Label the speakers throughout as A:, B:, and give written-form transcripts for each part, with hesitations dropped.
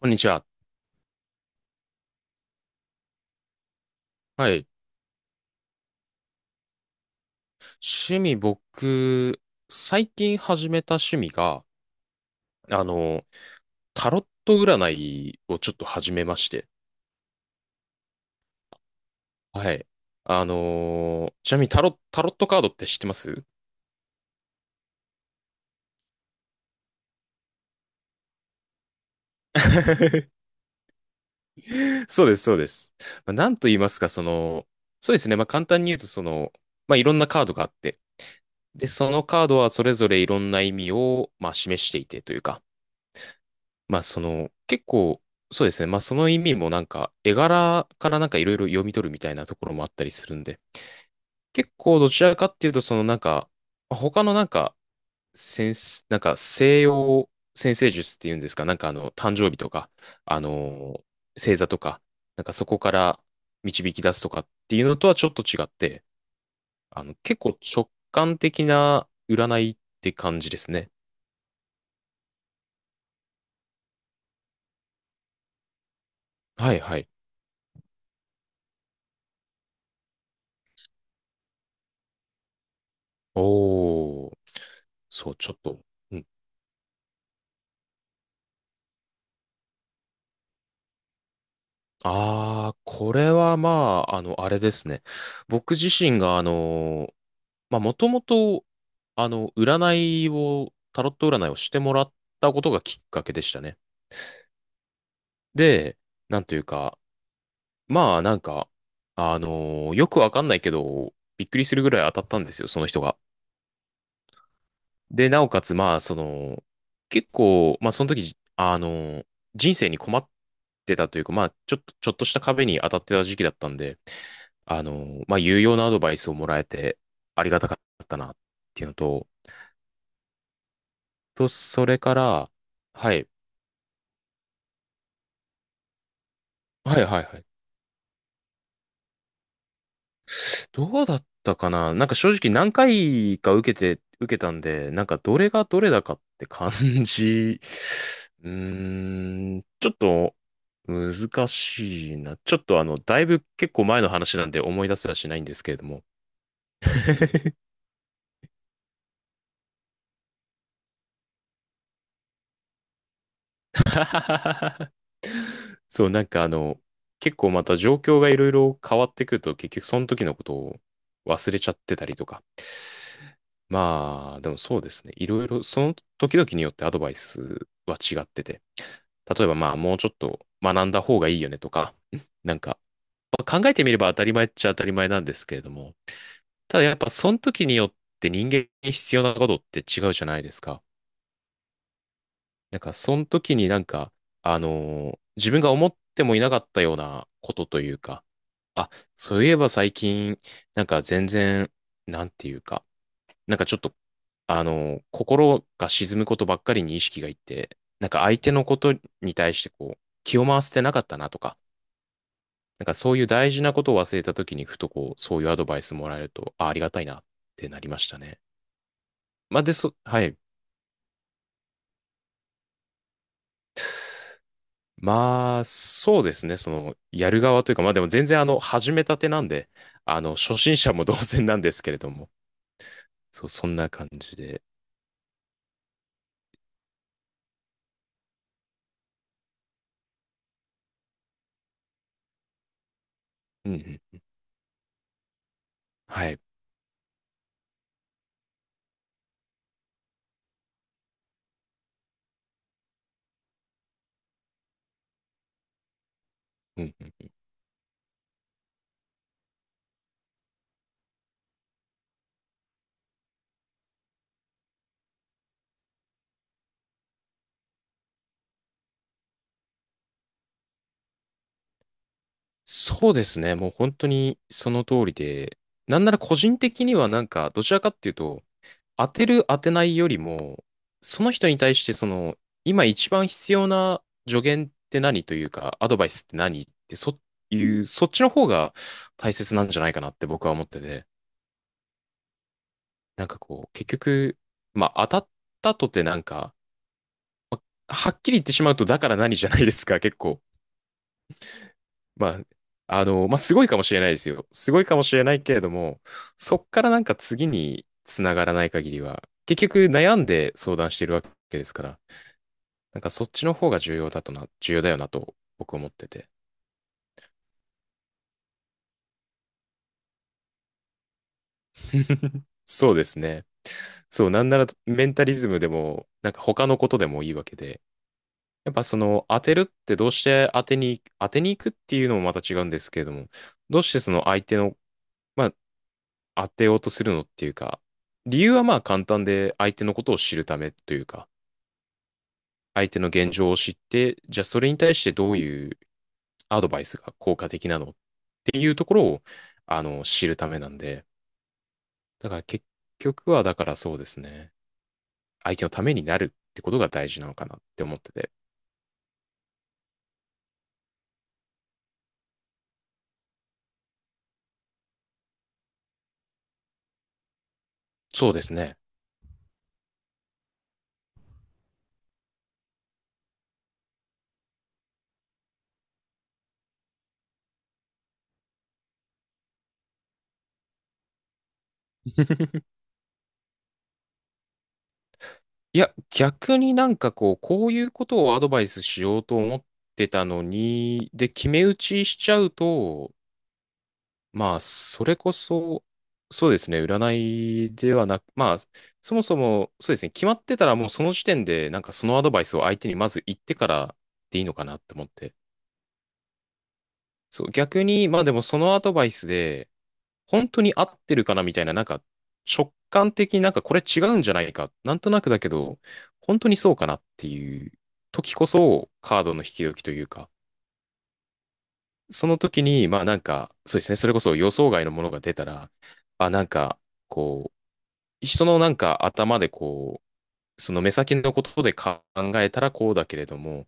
A: こんにちは。はい。趣味、僕、最近始めた趣味が、あの、タロット占いをちょっと始めまして。はい。ちなみにタロットカードって知ってます？ そうです、そうです。まあ、なんと言いますか、その、そうですね。まあ、簡単に言うと、その、まあ、いろんなカードがあって、で、そのカードはそれぞれいろんな意味を、まあ、示していてというか、まあその、結構、そうですね。まあその意味もなんか、絵柄からなんかいろいろ読み取るみたいなところもあったりするんで、結構どちらかっていうと、そのなんか、他のなんか、先生、なんか西洋先生術っていうんですか、なんか誕生日とか、あの星座とか、なんかそこから導き出すとかっていうのとはちょっと違って、結構直感的な占いって感じですね。はいはい。おー、そう、ちょっと。うん。ああ、これはまあ、あれですね。僕自身が、まあ、もともと、占いを、タロット占いをしてもらったことがきっかけでしたね。で、なんというか、まあ、なんか、よくわかんないけど、びっくりするぐらい当たったんですよ、その人が。で、なおかつ、まあ、その、結構、まあ、その時、人生に困ってたというか、まあ、ちょっと、ちょっとした壁に当たってた時期だったんで、まあ、有用なアドバイスをもらえて、ありがたかったな、っていうのと、と、それから、はい、はいはいはい。どうだったかな。なんか正直何回か受けて、受けたんで、なんかどれがどれだかって感じ。うーん、ちょっと難しいな。ちょっとだいぶ結構前の話なんで思い出すらしないんですけれども。そう、なんか結構また状況がいろいろ変わってくると結局その時のことを忘れちゃってたりとか。まあ、でもそうですね。いろいろその時々によってアドバイスは違ってて。例えばまあもうちょっと学んだ方がいいよねとか、なんか、まあ考えてみれば当たり前っちゃ当たり前なんですけれども、ただやっぱその時によって人間に必要なことって違うじゃないですか。なんかその時になんか、自分が思ってもいなかったようなことというか、あ、そういえば最近、なんか全然、なんていうか、なんかちょっと、心が沈むことばっかりに意識がいって、なんか相手のことに対してこう、気を回せてなかったなとか、なんかそういう大事なことを忘れた時にふとこう、そういうアドバイスもらえると、あ、ありがたいなってなりましたね。まあで、そ、はい。まあ、そうですね。その、やる側というか、まあでも全然始めたてなんで、初心者も同然なんですけれども、そう、そんな感じで。うんうん。はい。うんうん。そうですね。もう本当にその通りで、なんなら個人的にはなんか、どちらかっていうと、当てる当てないよりも、その人に対してその、今一番必要な助言って何というか、アドバイスって何ってそ、いう、そっちの方が大切なんじゃないかなって僕は思ってて、なんかこう、結局、まあ当たったとてなんか、はっきり言ってしまうとだから何じゃないですか、結構。まあ、まあすごいかもしれないですよ。すごいかもしれないけれども、そっからなんか次に繋がらない限りは、結局悩んで相談してるわけですから。なんかそっちの方が重要だとな、重要だよなと僕思ってて。そうですね。そう、なんならメンタリズムでも、なんか他のことでもいいわけで、やっぱその当てるってどうして当てに行くっていうのもまた違うんですけれども、どうしてその相手の、まあ当てようとするのっていうか、理由はまあ簡単で相手のことを知るためというか、相手の現状を知って、じゃあそれに対してどういうアドバイスが効果的なのっていうところを、知るためなんで、だから結局は、だからそうですね。相手のためになるってことが大事なのかなって思ってて。そうですね。いや、逆になんかこう、こういうことをアドバイスしようと思ってたのに、で、決め打ちしちゃうと、まあ、それこそ、そうですね、占いではなく、まあ、そもそも、そうですね、決まってたらもうその時点で、なんかそのアドバイスを相手にまず言ってからでいいのかなって思って。そう、逆に、まあでもそのアドバイスで、本当に合ってるかなみたいな、なんか直感的になんかこれ違うんじゃないか、なんとなくだけど、本当にそうかなっていう時こそカードの引き時というか、その時に、まあなんか、そうですね、それこそ予想外のものが出たら、あ、なんか、こう、人のなんか頭でこその目先のことで考えたらこうだけれども、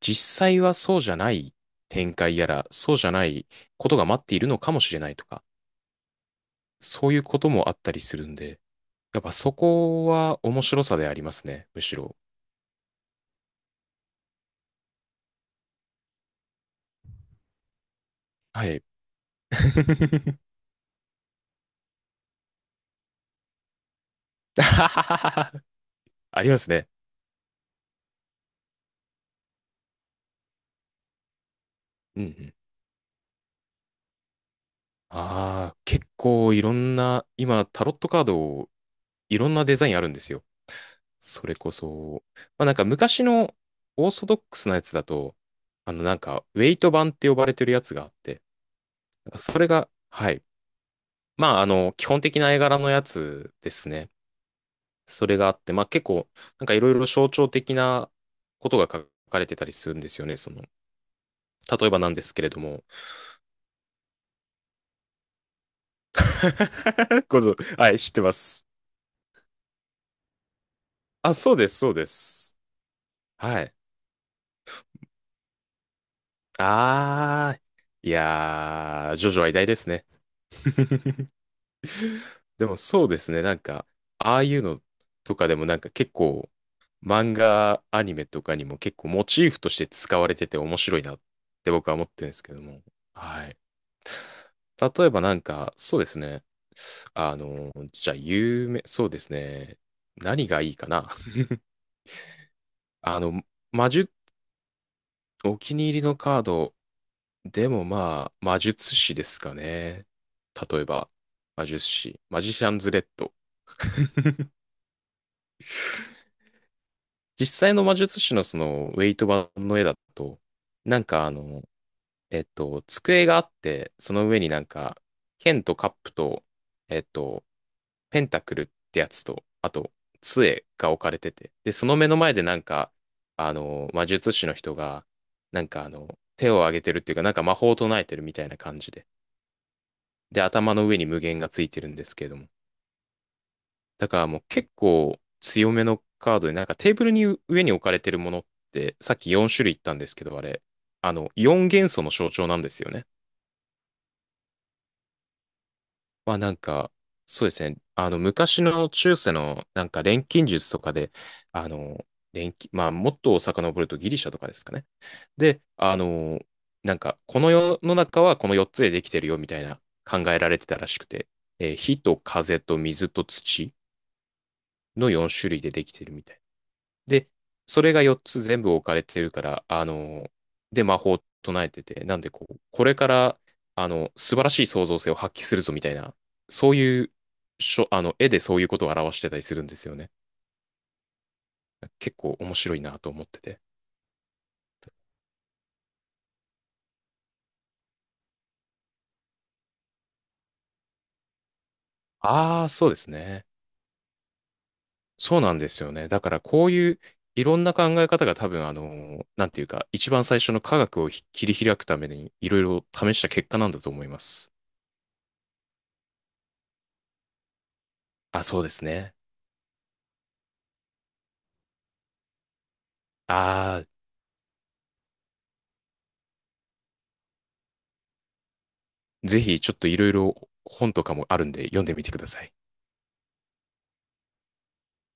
A: 実際はそうじゃない展開やら、そうじゃないことが待っているのかもしれないとか、そういうこともあったりするんで、やっぱそこは面白さでありますね、むしろ。はい。ありますね。うんうん。ああ、結構いろんな、今タロットカードいろんなデザインあるんですよ。それこそ、まあなんか昔のオーソドックスなやつだと、なんかウェイト版って呼ばれてるやつがあって、なんかそれが、はい。まあ基本的な絵柄のやつですね。それがあって、まあ結構、なんかいろいろ象徴的なことが書かれてたりするんですよね。その、例えばなんですけれども。ごぞ、はい、知ってます。あ、そうです、そうです。はい。あー、いやー、ジョジョは偉大ですね。でもそうですね。なんか、ああいうのとかでもなんか結構、漫画、アニメとかにも結構モチーフとして使われてて面白いなって僕は思ってるんですけども。はい。例えばなんか、そうですね。じゃあ有名、そうですね。何がいいかな。あの、魔術、お気に入りのカード、でもまあ、魔術師ですかね。例えば、魔術師、マジシャンズレッド。実際の魔術師のそのウェイト版の絵だと、なんかえっと、机があって、その上になんか、剣とカップと、えっと、ペンタクルってやつと、あと、杖が置かれてて、で、その目の前でなんか、魔術師の人が、なんか手を挙げてるっていうか、なんか魔法を唱えてるみたいな感じで、で、頭の上に無限がついてるんですけれども、だからもう結構強めのカードで、なんかテーブルに上に置かれてるものって、さっき4種類言ったんですけど、あれ、4元素の象徴なんですよね。まあなんか、そうですね、昔の中世のなんか錬金術とかで、あの、錬金、まあもっと遡るとギリシャとかですかね。で、なんか、この世の中はこの4つでできてるよみたいな考えられてたらしくて、火と風と水と土の4種類でできてるみたいな。で、それが4つ全部置かれてるから、で、魔法を唱えてて、なんでこう、これから、素晴らしい創造性を発揮するぞみたいな、そういう、しょ、絵でそういうことを表してたりするんですよね。結構面白いなと思ってて。ああ、そうですね。そうなんですよね。だからこういういろんな考え方が多分なんていうか、一番最初の科学を切り開くためにいろいろ試した結果なんだと思います。あ、そうですね。ああ、ぜひちょっといろいろ本とかもあるんで読んでみてください。